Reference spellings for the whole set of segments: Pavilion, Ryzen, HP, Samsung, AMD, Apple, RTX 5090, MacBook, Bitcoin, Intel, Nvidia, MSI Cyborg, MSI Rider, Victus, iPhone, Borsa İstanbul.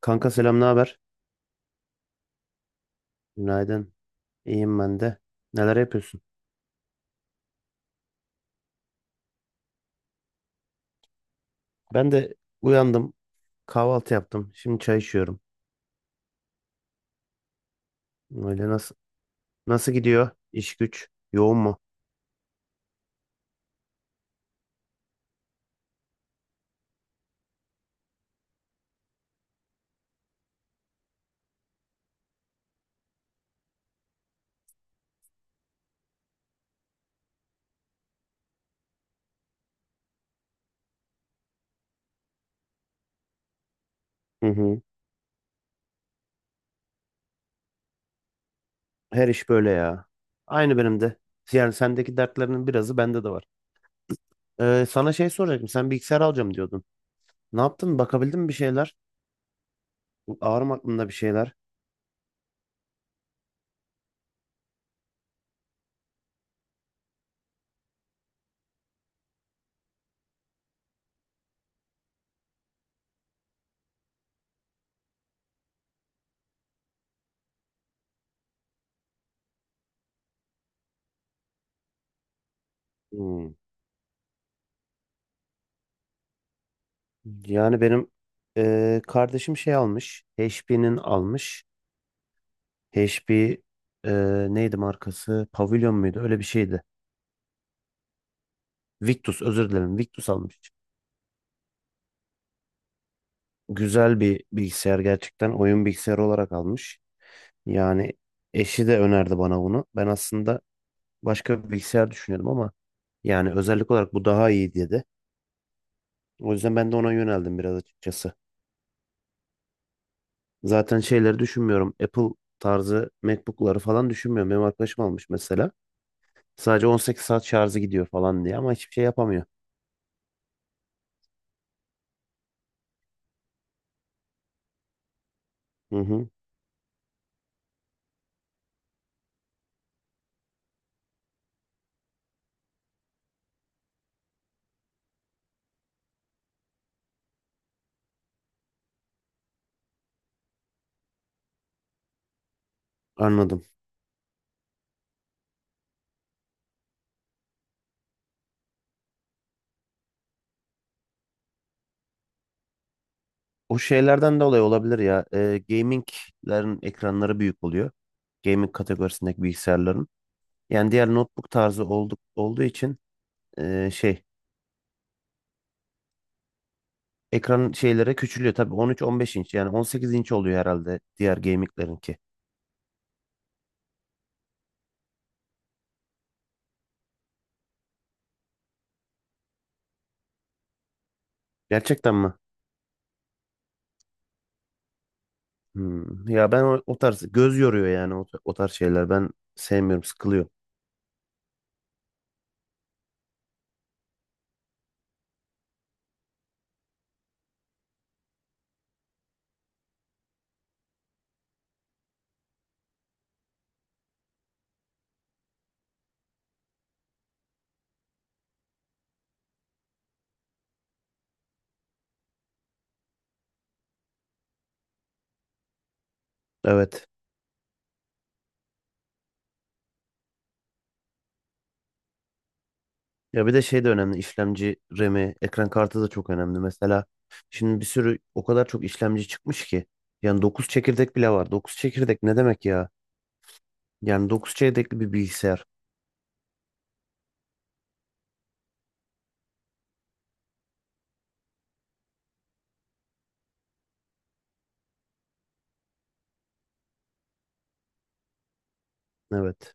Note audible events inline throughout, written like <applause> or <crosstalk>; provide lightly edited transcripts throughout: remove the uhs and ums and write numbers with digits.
Kanka selam, ne haber? Günaydın. İyiyim ben de. Neler yapıyorsun? Ben de uyandım, kahvaltı yaptım. Şimdi çay içiyorum. Öyle nasıl gidiyor? İş güç yoğun mu? Hı hı. Her iş böyle ya. Aynı benim de. Yani sendeki dertlerinin birazı bende de var. Sana şey soracaktım. Sen bilgisayar alacağım diyordun. Ne yaptın? Bakabildin mi bir şeyler? Ağır mı aklında bir şeyler? Hmm. Yani benim kardeşim şey almış. HP'nin almış. HP e, neydi markası? Pavilion muydu? Öyle bir şeydi. Victus özür dilerim. Victus almış. Güzel bir bilgisayar gerçekten. Oyun bilgisayarı olarak almış. Yani eşi de önerdi bana bunu. Ben aslında başka bir bilgisayar düşünüyordum ama yani özellik olarak bu daha iyi dedi. O yüzden ben de ona yöneldim biraz açıkçası. Zaten şeyleri düşünmüyorum. Apple tarzı MacBook'ları falan düşünmüyorum. Benim arkadaşım almış mesela. Sadece 18 saat şarjı gidiyor falan diye ama hiçbir şey yapamıyor. Hı hı, anladım. O şeylerden dolayı olabilir ya. Gaming'lerin ekranları büyük oluyor. Gaming kategorisindeki bilgisayarların. Yani diğer notebook tarzı olduğu için e, şey ekran şeylere küçülüyor. Tabii 13-15 inç yani 18 inç oluyor herhalde diğer gaming'lerinki. Gerçekten mi? Hmm. Ya ben o tarz göz yoruyor yani o tarz şeyler. Ben sevmiyorum, sıkılıyor. Evet. Ya bir de şey de önemli. İşlemci RAM'i, ekran kartı da çok önemli. Mesela şimdi bir sürü o kadar çok işlemci çıkmış ki. Yani dokuz çekirdek bile var. Dokuz çekirdek ne demek ya? Yani 9 çekirdekli bir bilgisayar. Evet.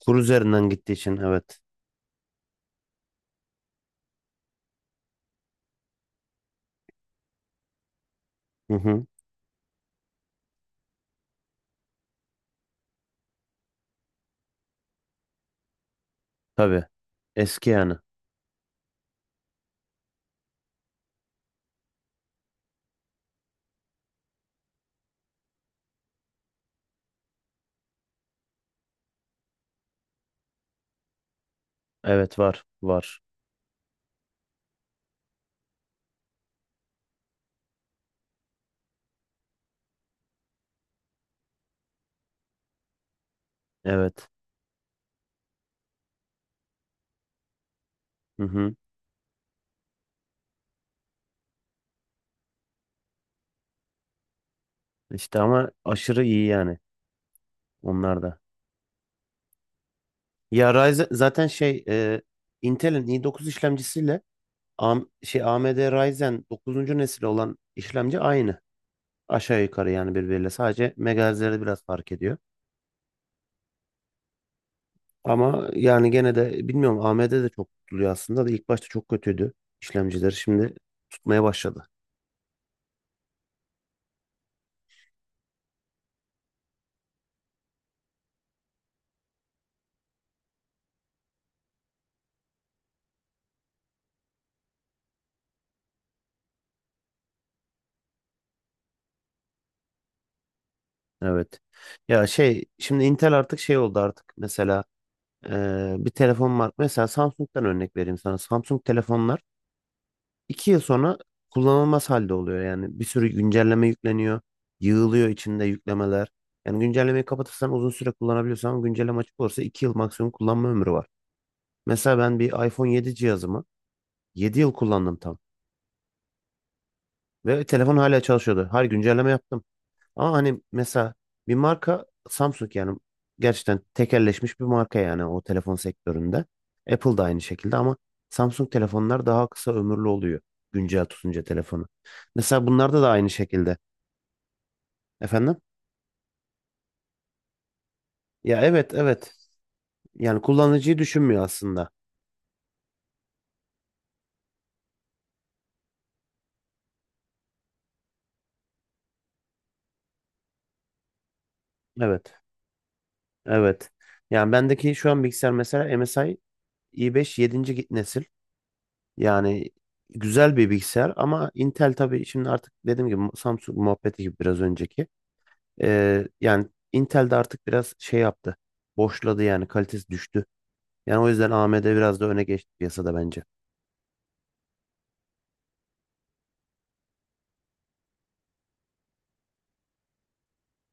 Kur üzerinden gittiği için evet. Hı hı. Tabii. Eski yani. Evet var. Var. Evet. Hı hı. İşte ama aşırı iyi yani onlar da. Ya Ryzen zaten Intel'in i9 işlemcisiyle AM, şey AMD Ryzen 9. nesil olan işlemci aynı. Aşağı yukarı yani birbiriyle sadece megahertzleri biraz fark ediyor. Ama yani gene de bilmiyorum AMD de çok tutuluyor aslında da ilk başta çok kötüydü işlemcileri şimdi tutmaya başladı. Evet. Ya şimdi Intel artık oldu artık mesela bir telefon var. Mesela Samsung'dan örnek vereyim sana. Samsung telefonlar 2 yıl sonra kullanılmaz halde oluyor. Yani bir sürü güncelleme yükleniyor. Yığılıyor içinde yüklemeler. Yani güncellemeyi kapatırsan uzun süre kullanabiliyorsan güncelleme açık olursa 2 yıl maksimum kullanma ömrü var. Mesela ben bir iPhone 7 cihazımı 7 yıl kullandım tam. Ve telefon hala çalışıyordu. Her güncelleme yaptım. Ama hani mesela bir marka Samsung yani gerçekten tekelleşmiş bir marka yani o telefon sektöründe. Apple da aynı şekilde ama Samsung telefonlar daha kısa ömürlü oluyor güncel tutunca telefonu. Mesela bunlarda da aynı şekilde. Efendim? Ya evet evet. Yani kullanıcıyı düşünmüyor aslında. Evet. Evet. Yani bendeki şu an bilgisayar mesela MSI i5 7. nesil. Yani güzel bir bilgisayar ama Intel tabii şimdi artık dediğim gibi Samsung muhabbeti gibi biraz önceki. Yani Intel de artık biraz yaptı. Boşladı yani kalitesi düştü. Yani o yüzden AMD biraz da öne geçti piyasada bence.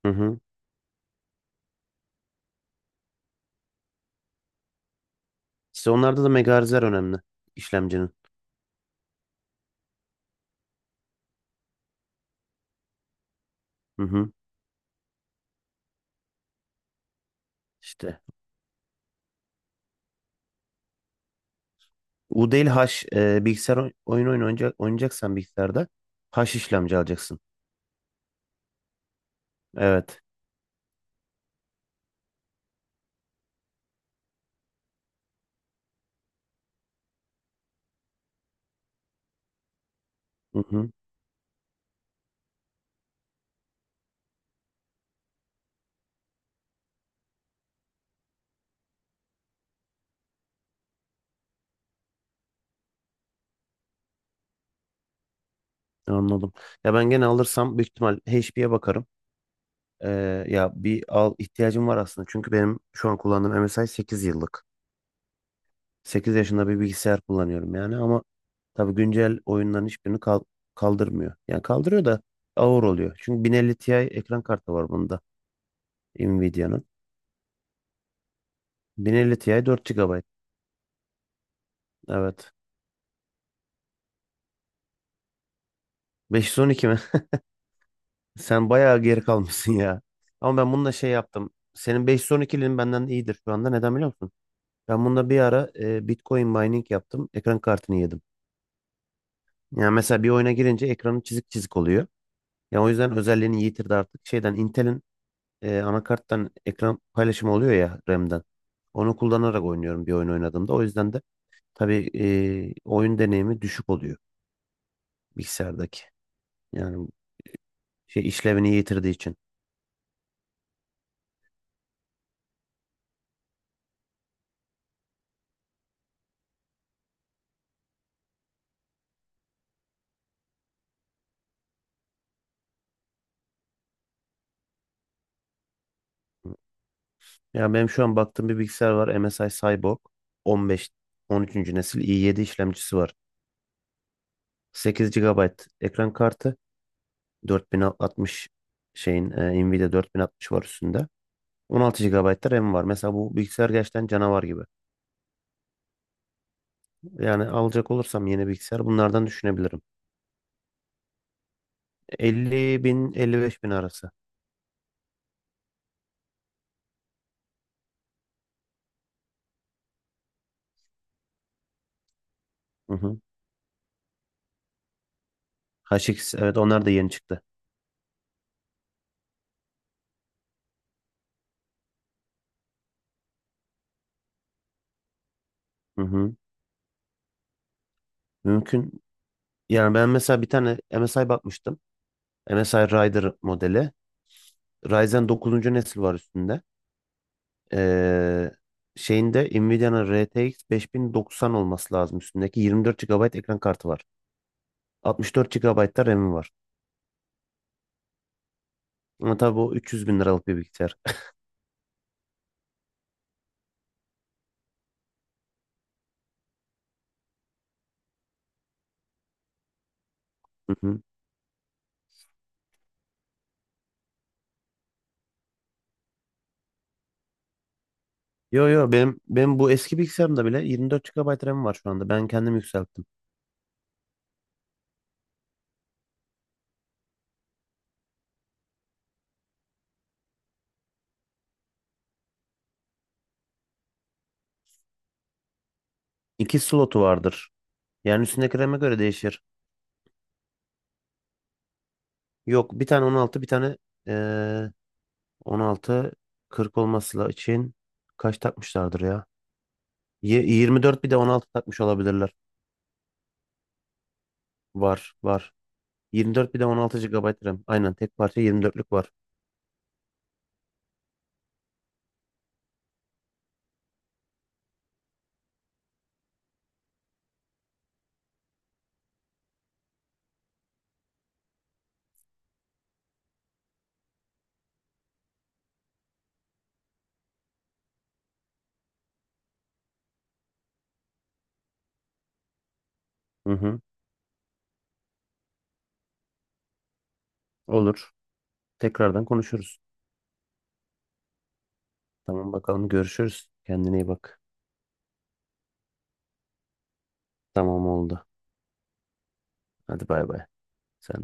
Hı hı. İşte onlarda da megahertzler önemli işlemcinin. Hı hı. İşte U değil H bilgisayar oynayacaksan bilgisayarda H işlemci alacaksın. Evet. Hı hı. Anladım. Ya ben gene alırsam büyük ihtimal HP'ye bakarım. Ya bir al ihtiyacım var aslında. Çünkü benim şu an kullandığım MSI 8 yıllık. 8 yaşında bir bilgisayar kullanıyorum yani ama tabii güncel oyunların hiçbirini kaldırmıyor. Yani kaldırıyor da ağır oluyor. Çünkü 1050 Ti ekran kartı var bunda Nvidia'nın. 1050 Ti 4 GB. Evet. 512 mi? <laughs> Sen bayağı geri kalmışsın ya. Ama ben bununla şey yaptım. Senin 512'lin benden iyidir şu anda. Neden biliyor musun? Ben bunda bir ara Bitcoin mining yaptım. Ekran kartını yedim. Yani mesela bir oyuna girince ekranı çizik çizik oluyor. Ya o yüzden özelliğini yitirdi artık. Şeyden Intel'in anakarttan ekran paylaşımı oluyor ya RAM'den. Onu kullanarak oynuyorum bir oyun oynadığımda. O yüzden de tabii oyun deneyimi düşük oluyor bilgisayardaki. Yani şey işlevini yitirdiği için. Ya benim şu an baktığım bir bilgisayar var. MSI Cyborg 15 13. nesil i7 işlemcisi var. 8 gigabayt ekran kartı, 4060 şeyin Nvidia 4060 var üstünde. 16 GB RAM var. Mesela bu bilgisayar gerçekten canavar gibi. Yani alacak olursam yeni bilgisayar bunlardan düşünebilirim. 50 bin 55 bin arası. Hı hı. HX evet onlar da yeni çıktı. Hı hı. Mümkün. Yani ben mesela bir tane MSI bakmıştım. MSI Rider modeli. Ryzen dokuzuncu nesil var üstünde. Ee, Şeyinde Nvidia'nın RTX 5090 olması lazım üstündeki. 24 gigabayt ekran kartı var. 64 GB da RAM'i var. Ama tabii bu 300 bin liralık bir bilgisayar. <laughs> Yo yo benim bu eski bilgisayarımda bile 24 GB RAM var şu anda. Ben kendim yükselttim. İki slotu vardır. Yani üstündeki RAM'e göre değişir. Yok bir tane 16 bir tane eee 16 40 olması için kaç takmışlardır ya? 24 bir de 16 takmış olabilirler. Var var. 24 bir de 16 GB RAM. Aynen tek parça 24'lük var. Hı hı, olur. Tekrardan konuşuruz. Tamam bakalım görüşürüz. Kendine iyi bak. Tamam oldu. Hadi bay bay. Sen de.